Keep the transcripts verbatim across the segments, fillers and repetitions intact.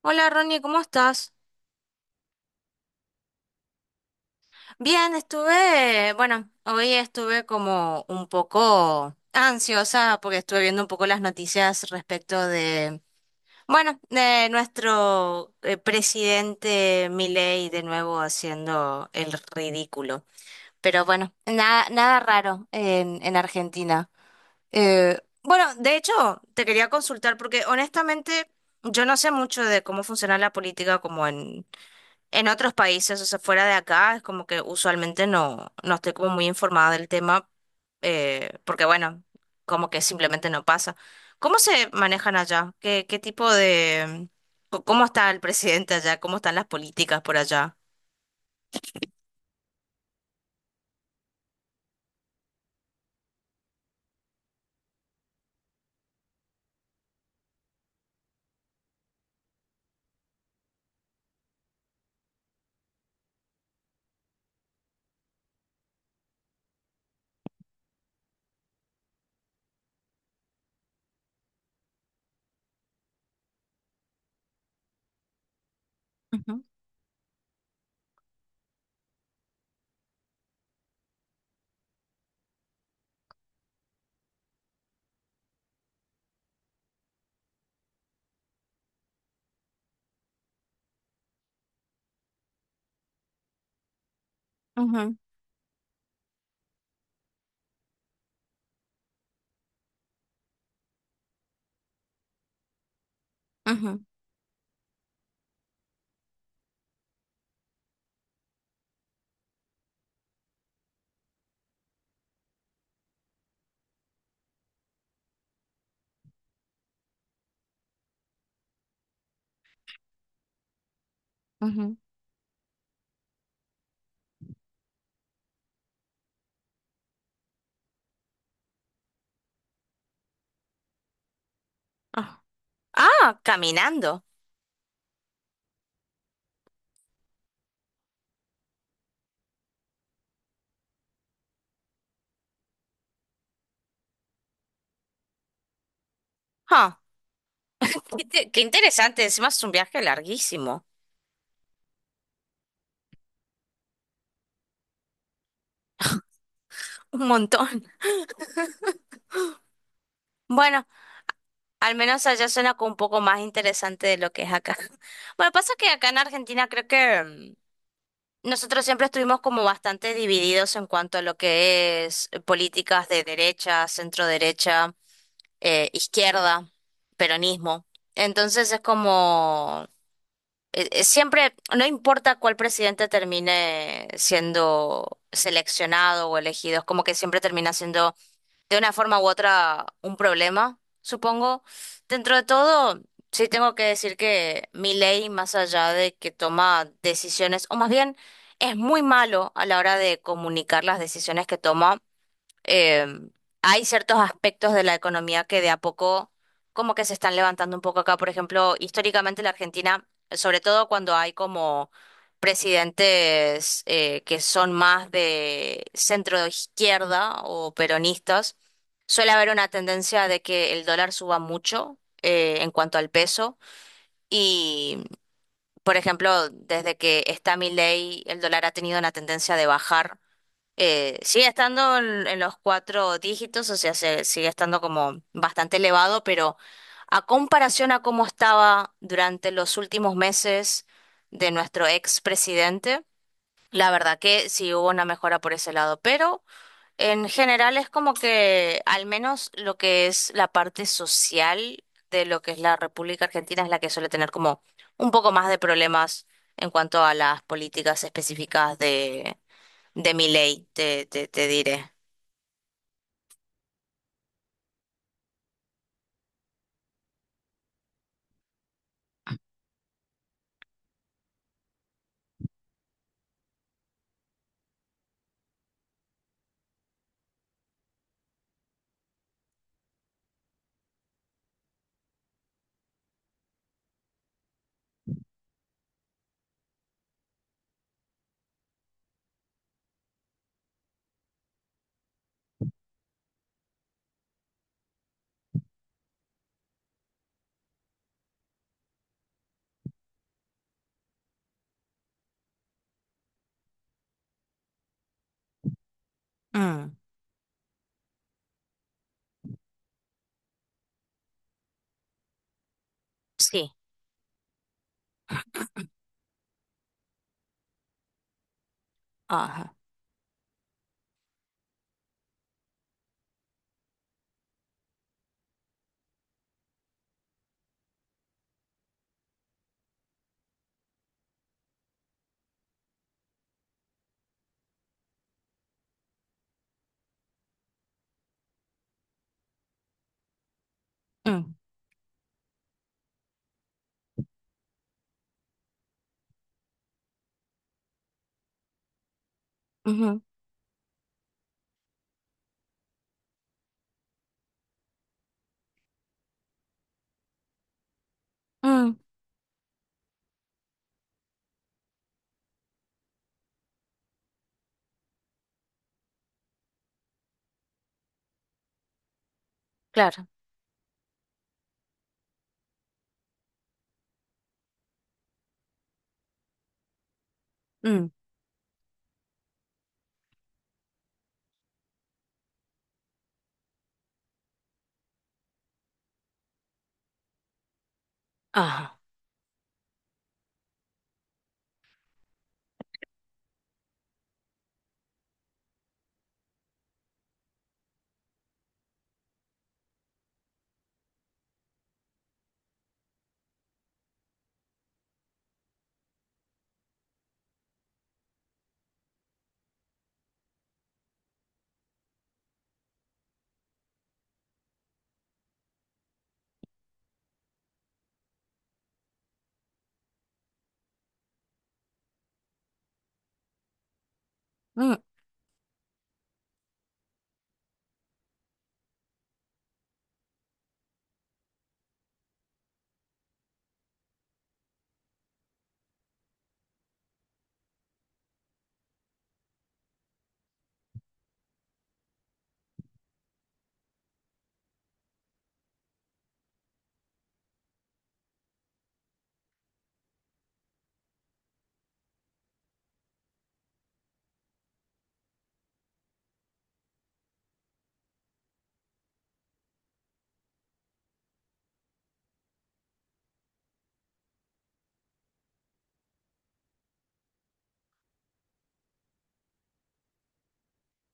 Hola, Ronnie, ¿cómo estás? Bien, estuve, bueno, hoy estuve como un poco ansiosa porque estuve viendo un poco las noticias respecto de, bueno, de nuestro eh, presidente Milei de nuevo haciendo el ridículo. Pero bueno, nada, nada raro en, en Argentina. Eh, bueno, de hecho, te quería consultar porque honestamente yo no sé mucho de cómo funciona la política como en En otros países, o sea, fuera de acá, es como que usualmente no, no estoy como muy informada del tema, eh, porque bueno, como que simplemente no pasa. ¿Cómo se manejan allá? ¿Qué, qué tipo de... co- cómo está el presidente allá? ¿Cómo están las políticas por allá? Ujú, ujú, ujú, ujú. Ah, ah, caminando. Ah, qué, te- qué interesante. Encima es un viaje larguísimo. Un montón. Bueno, al menos allá suena como un poco más interesante de lo que es acá. Bueno, pasa que acá en Argentina creo que mm, nosotros siempre estuvimos como bastante divididos en cuanto a lo que es eh, políticas de derecha, centro derecha, eh, izquierda, peronismo. Entonces es como eh, eh, siempre, no importa cuál presidente termine siendo seleccionado o elegido, es como que siempre termina siendo de una forma u otra un problema, supongo. Dentro de todo, sí tengo que decir que ley, más allá de que toma decisiones, o más bien es muy malo a la hora de comunicar las decisiones que toma, em, hay ciertos aspectos de la economía que de a poco como que se están levantando un poco acá. Por ejemplo, históricamente la Argentina, sobre todo cuando hay como presidentes eh, que son más de centro izquierda o peronistas, suele haber una tendencia de que el dólar suba mucho eh, en cuanto al peso y... Por ejemplo, desde que está Milei, el dólar ha tenido una tendencia de bajar, eh, sigue estando en, en los cuatro dígitos, o sea, se- sigue estando como bastante elevado, pero a comparación a cómo estaba durante los últimos meses de nuestro expresidente, la verdad que sí hubo una mejora por ese lado, pero en general es como que al menos lo que es la parte social de lo que es la República Argentina es la que suele tener como un poco más de problemas en cuanto a las políticas específicas de mi ley, te, te, te diré. Mm. Sí, ajá. Mm, ujú, mm, claro. Mm, ajá. Mm,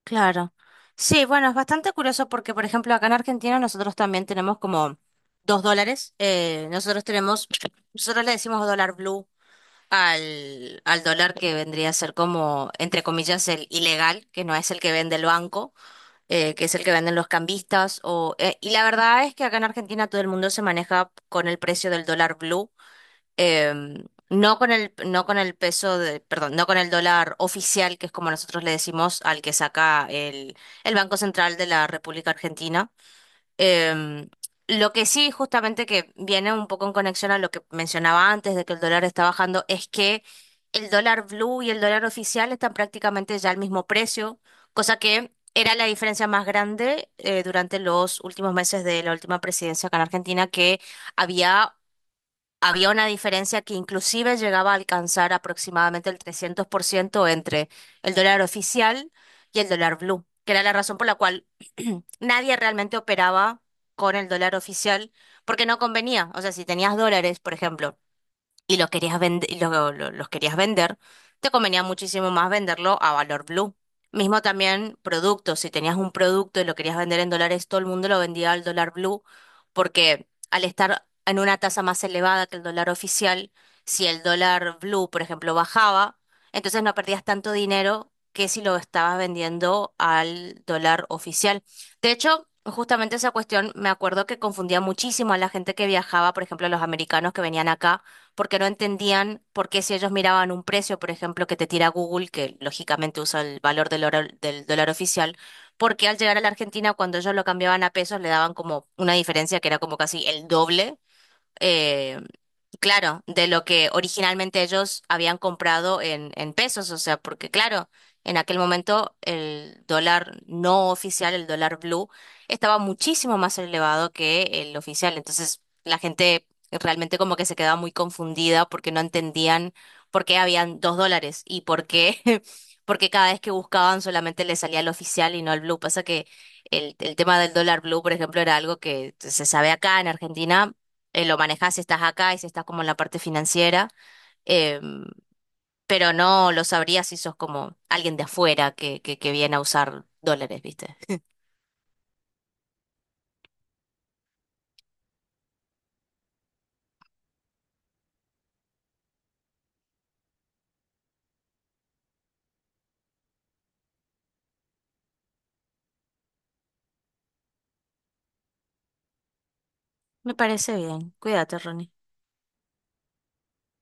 claro. Sí, bueno, es bastante curioso porque, por ejemplo, acá en Argentina nosotros también tenemos como dos dólares. Eh, nosotros tenemos, nosotros le decimos dólar blue al, al dólar que vendría a ser como, entre comillas, el ilegal, que no es el que vende el banco. Eh, que es el que venden los cambistas. O, eh, y la verdad es que acá en Argentina todo el mundo se maneja con el precio del dólar blue, em, no con el, no con el peso de, perdón, no con el dólar oficial, que es como nosotros le decimos al que saca el, el Banco Central de la República Argentina. Em, lo que sí, justamente que viene un poco en conexión a lo que mencionaba antes de que el dólar está bajando, es que el dólar blue y el dólar oficial están prácticamente ya al mismo precio, cosa que era la diferencia más grande eh, durante los últimos meses de la última presidencia acá en Argentina, que había había una diferencia que inclusive llegaba a alcanzar aproximadamente el trescientos por ciento entre el dólar oficial y el dólar blue, que era la razón por la cual nadie realmente operaba con el dólar oficial porque no convenía. O sea, si tenías dólares, por ejemplo, y lo querías vend- y lo- lo- los querías vender, te convenía muchísimo más venderlo a valor blue. Mismo también productos, si tenías un producto y lo querías vender en dólares, todo el mundo lo vendía al dólar blue, porque al estar en una tasa más elevada que el dólar oficial, si el dólar blue, por ejemplo, bajaba, entonces no perdías tanto dinero que si lo estabas vendiendo al dólar oficial. De hecho, justamente esa cuestión me acuerdo que confundía muchísimo a la gente que viajaba, por ejemplo, a los americanos que venían acá porque no entendían por qué si ellos miraban un precio, por ejemplo, que te tira Google, que lógicamente usa el valor del oro- del dólar oficial, porque al llegar a la Argentina, cuando ellos lo cambiaban a pesos, le daban como una diferencia que era como casi el doble, eh, claro, de lo que originalmente ellos habían comprado en, en pesos, o sea, porque claro, en aquel momento el dólar no oficial, el dólar blue, estaba muchísimo más elevado que el oficial, entonces la gente realmente como que se quedaba muy confundida porque no entendían por qué habían dos dólares y por qué, porque cada vez que buscaban solamente les salía el oficial y no el blue, pasa que... El, el tema del dólar blue, por ejemplo, era algo que se sabe acá en Argentina, eh, lo manejas si estás acá y si estás como en la parte financiera, eh, pero no lo sabrías si sos como alguien de afuera que, que, que viene a usar dólares, ¿viste? Me parece bien. Cuídate, Ronnie.